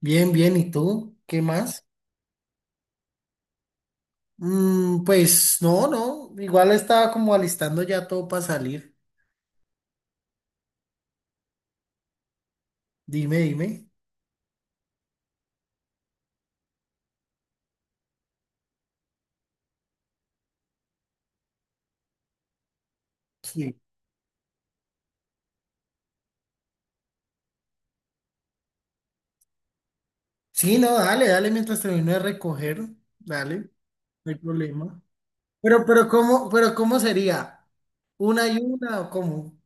Bien, bien, ¿y tú? ¿Qué más? Pues no, no, igual estaba como alistando ya todo para salir. Dime, dime. Sí. Sí, no, dale, dale mientras termino de recoger. Dale, no hay problema. Pero ¿cómo, pero cómo sería? ¿Una y una o cómo?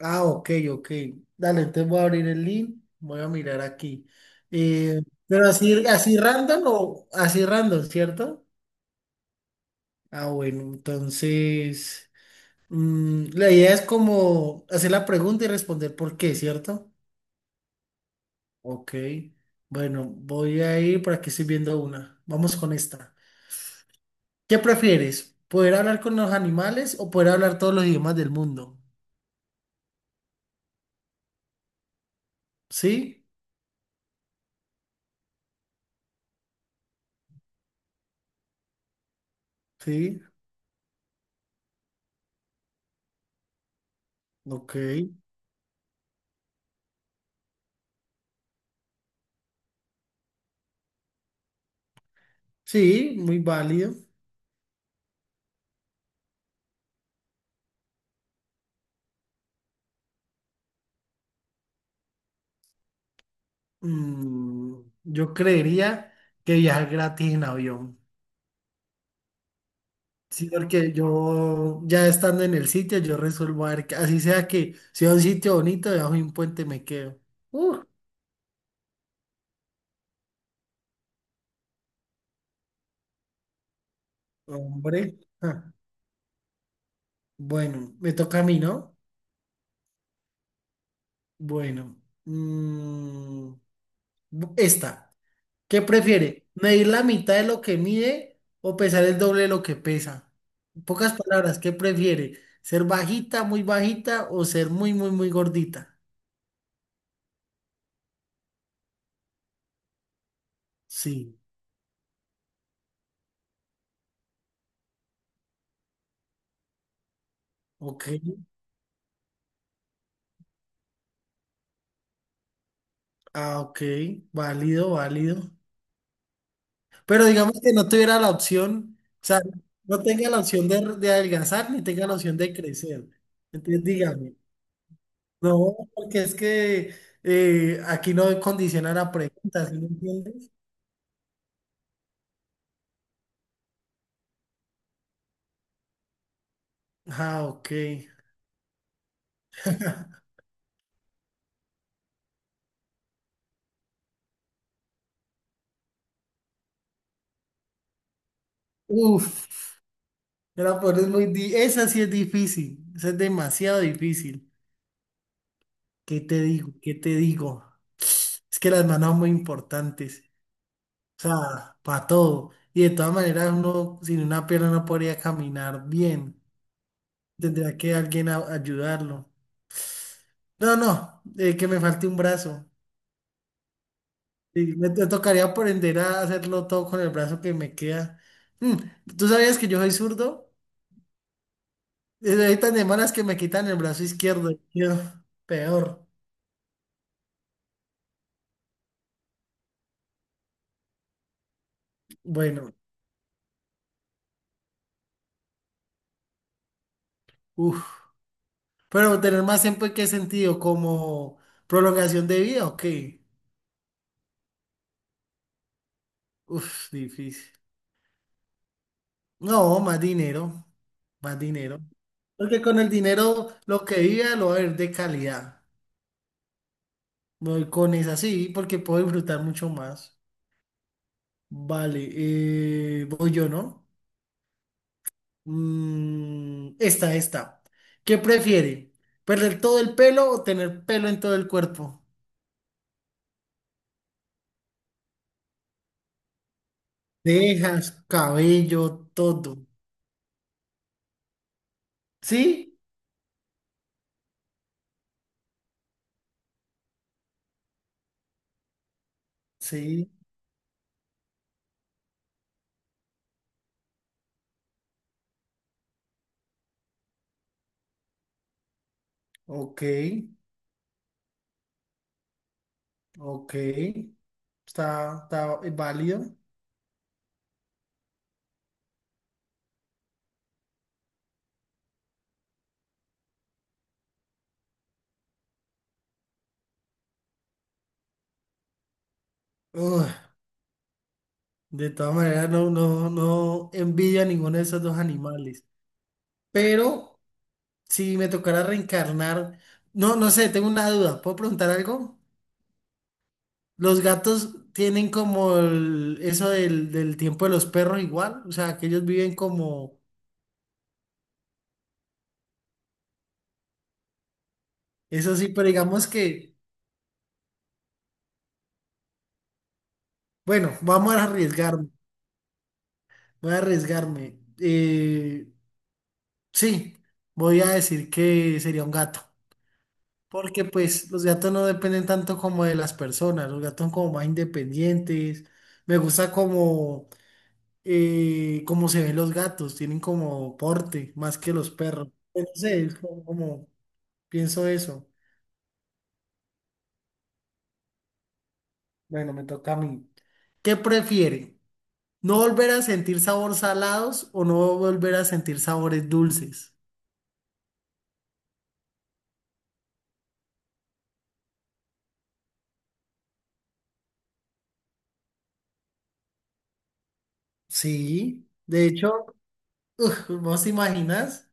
Ah, ok, ok. Dale, entonces voy a abrir el link, voy a mirar aquí. Eh, pero así, así random o así random, ¿cierto? Ah, bueno, entonces. La idea es como hacer la pregunta y responder por qué, ¿cierto? Ok. Bueno, voy a ir por aquí, estoy viendo una. Vamos con esta. ¿Qué prefieres? ¿Poder hablar con los animales o poder hablar todos los idiomas del mundo? Sí, sí, ok. Sí, muy válido. Mm, yo creería que viajar gratis en avión. Sí, porque yo ya estando en el sitio, yo resuelvo a ver, que- así sea que sea un sitio bonito, debajo de un puente me quedo. Uh, Hombre, bueno, me toca a mí, ¿no? Bueno, mm, bu- esta, ¿qué prefiere? ¿Medir la mitad de lo que mide o pesar el doble de lo que pesa? En pocas palabras, ¿qué prefiere? ¿Ser bajita, muy bajita o ser muy, muy, muy gordita? Sí, ok, ah, ok, válido, válido. Pero digamos que no tuviera la opción, o sea, no tenga la opción de adelgazar ni tenga la opción de crecer. Entonces, dígame. No, porque es que aquí no condicionan la pregunta, ¿sí me entiendes? Ah, ok. Uf, la peor es muy di- esa sí es difícil, esa es demasiado difícil. ¿Qué te digo? ¿Qué te digo? Es que las manos son muy importantes, o sea, para todo. Y de todas maneras uno sin una pierna no podría caminar bien. Tendría que alguien a- ayudarlo. No, no, que me falte un brazo. Sí, me tocaría aprender a hacerlo todo con el brazo que me queda. Mm, ¿Tú sabías que yo soy zurdo? Hay tan de malas que me quitan el brazo izquierdo, y quedo peor. Bueno, uff. Pero tener más tiempo en qué sentido, como prolongación de vida, ok. Uf, difícil. No, más dinero. Más dinero. Porque con el dinero lo que viva lo va a ver de calidad. Voy con esa sí, porque puedo disfrutar mucho más. Vale, voy yo, ¿no? Esta, esta. ¿Qué prefiere? ¿Perder todo el pelo o tener pelo en todo el cuerpo? Dejas, cabello, todo. ¿Sí? Sí. Ok, ok. Está, está válido. Ugh, de todas maneras, no, no, no envidio a ninguno de esos dos animales. Pero si me tocara reencarnar, no, no sé, tengo una duda. ¿Puedo preguntar algo? Los gatos tienen como el- eso del, del tiempo de los perros igual, o sea, que ellos viven como, eso sí, pero digamos que, bueno, vamos a arriesgarme, voy a arriesgarme. Sí, voy a decir que sería un gato, porque pues los gatos no dependen tanto como de las personas, los gatos son como más independientes, me gusta como, cómo se ven los gatos, tienen como porte más que los perros, no sé, es como pienso eso. Bueno, me toca a mí. ¿Qué prefiere? ¿No volver a sentir sabores salados o no volver a sentir sabores dulces? Sí, de hecho, ¿vos te imaginas?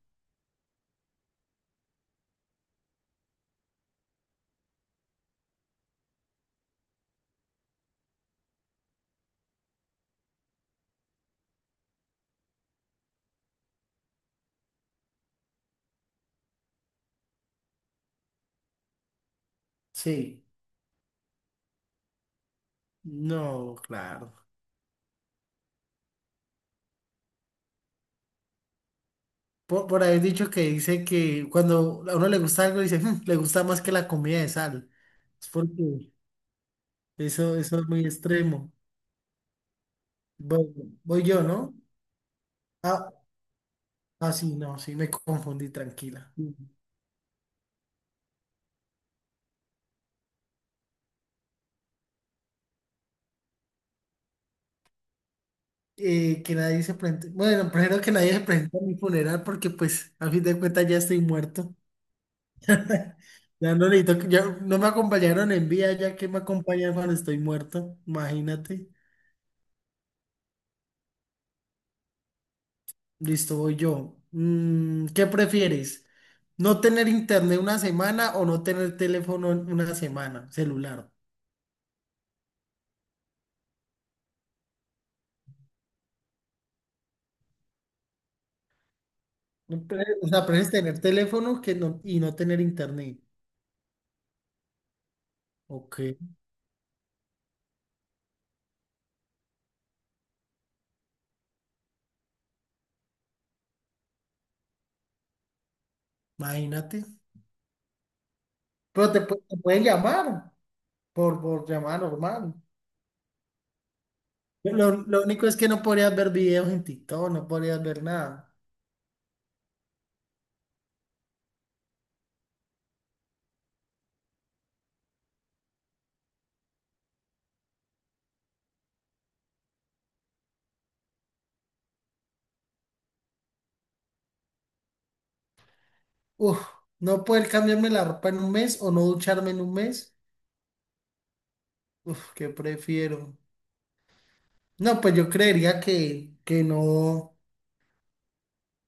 Sí, no, claro. Por haber dicho que dice que cuando a uno le gusta algo, dice, "Mm, le gusta más que la comida de sal. Es porque eso es muy extremo. Voy, voy yo, ¿no? Ah, ah, sí, no, sí, me confundí, tranquila. Que nadie se presente. Bueno, primero que nadie se presente a mi funeral porque pues a fin de cuentas ya estoy muerto. Ya no necesito, que- ya no me acompañaron en vida, ya que me acompañan cuando estoy muerto. Imagínate. Listo, voy yo. ¿Qué prefieres? ¿No tener internet una semana o no tener teléfono en una semana, celular? No pre- O sea, prefieres tener teléfono que no, y no tener internet. Ok, imagínate. Te pueden llamar por llamada normal. Lo único es que no podrías ver videos en TikTok, no podrías ver nada. Uf, no poder cambiarme la ropa en un mes o no ducharme en un mes. Uf, ¿qué prefiero? No, pues yo creería que no,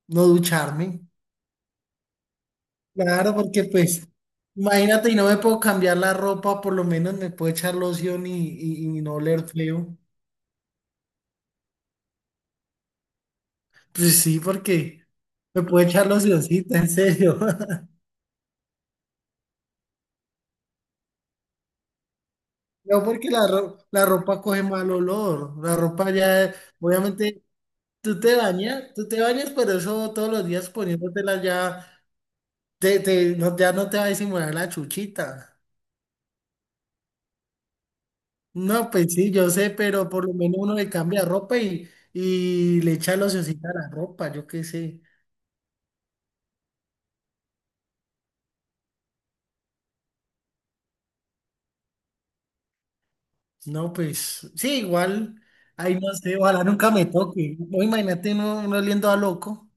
no ducharme. Claro, porque pues, imagínate, y no me puedo cambiar la ropa, por lo menos me puedo echar loción y, y no oler feo. Pues sí, porque me puedo echar locioncita, en serio. No, porque ro- la ropa coge mal olor. La ropa ya, obviamente. Tú te bañas, pero eso todos los días poniéndotela ya, te- no, ya no te va a disimular la chuchita. No, pues sí, yo sé, pero por lo menos uno le cambia ropa y, le echa locioncita a la ropa, yo qué sé. No, pues sí, igual, ahí no sé, ojalá nunca me toque. No, imagínate uno, uno oliendo a loco.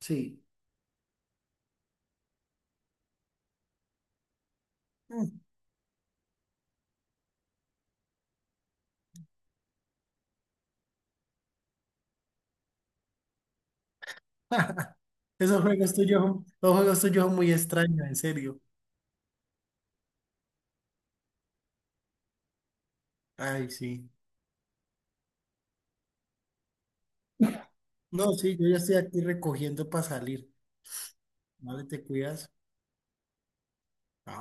Sí. Mm, Esos juegos tuyos, son- los juegos tuyos son muy extraños, en serio. Ay, sí. No, sí, yo ya estoy aquí recogiendo para salir. Vale, te cuidas.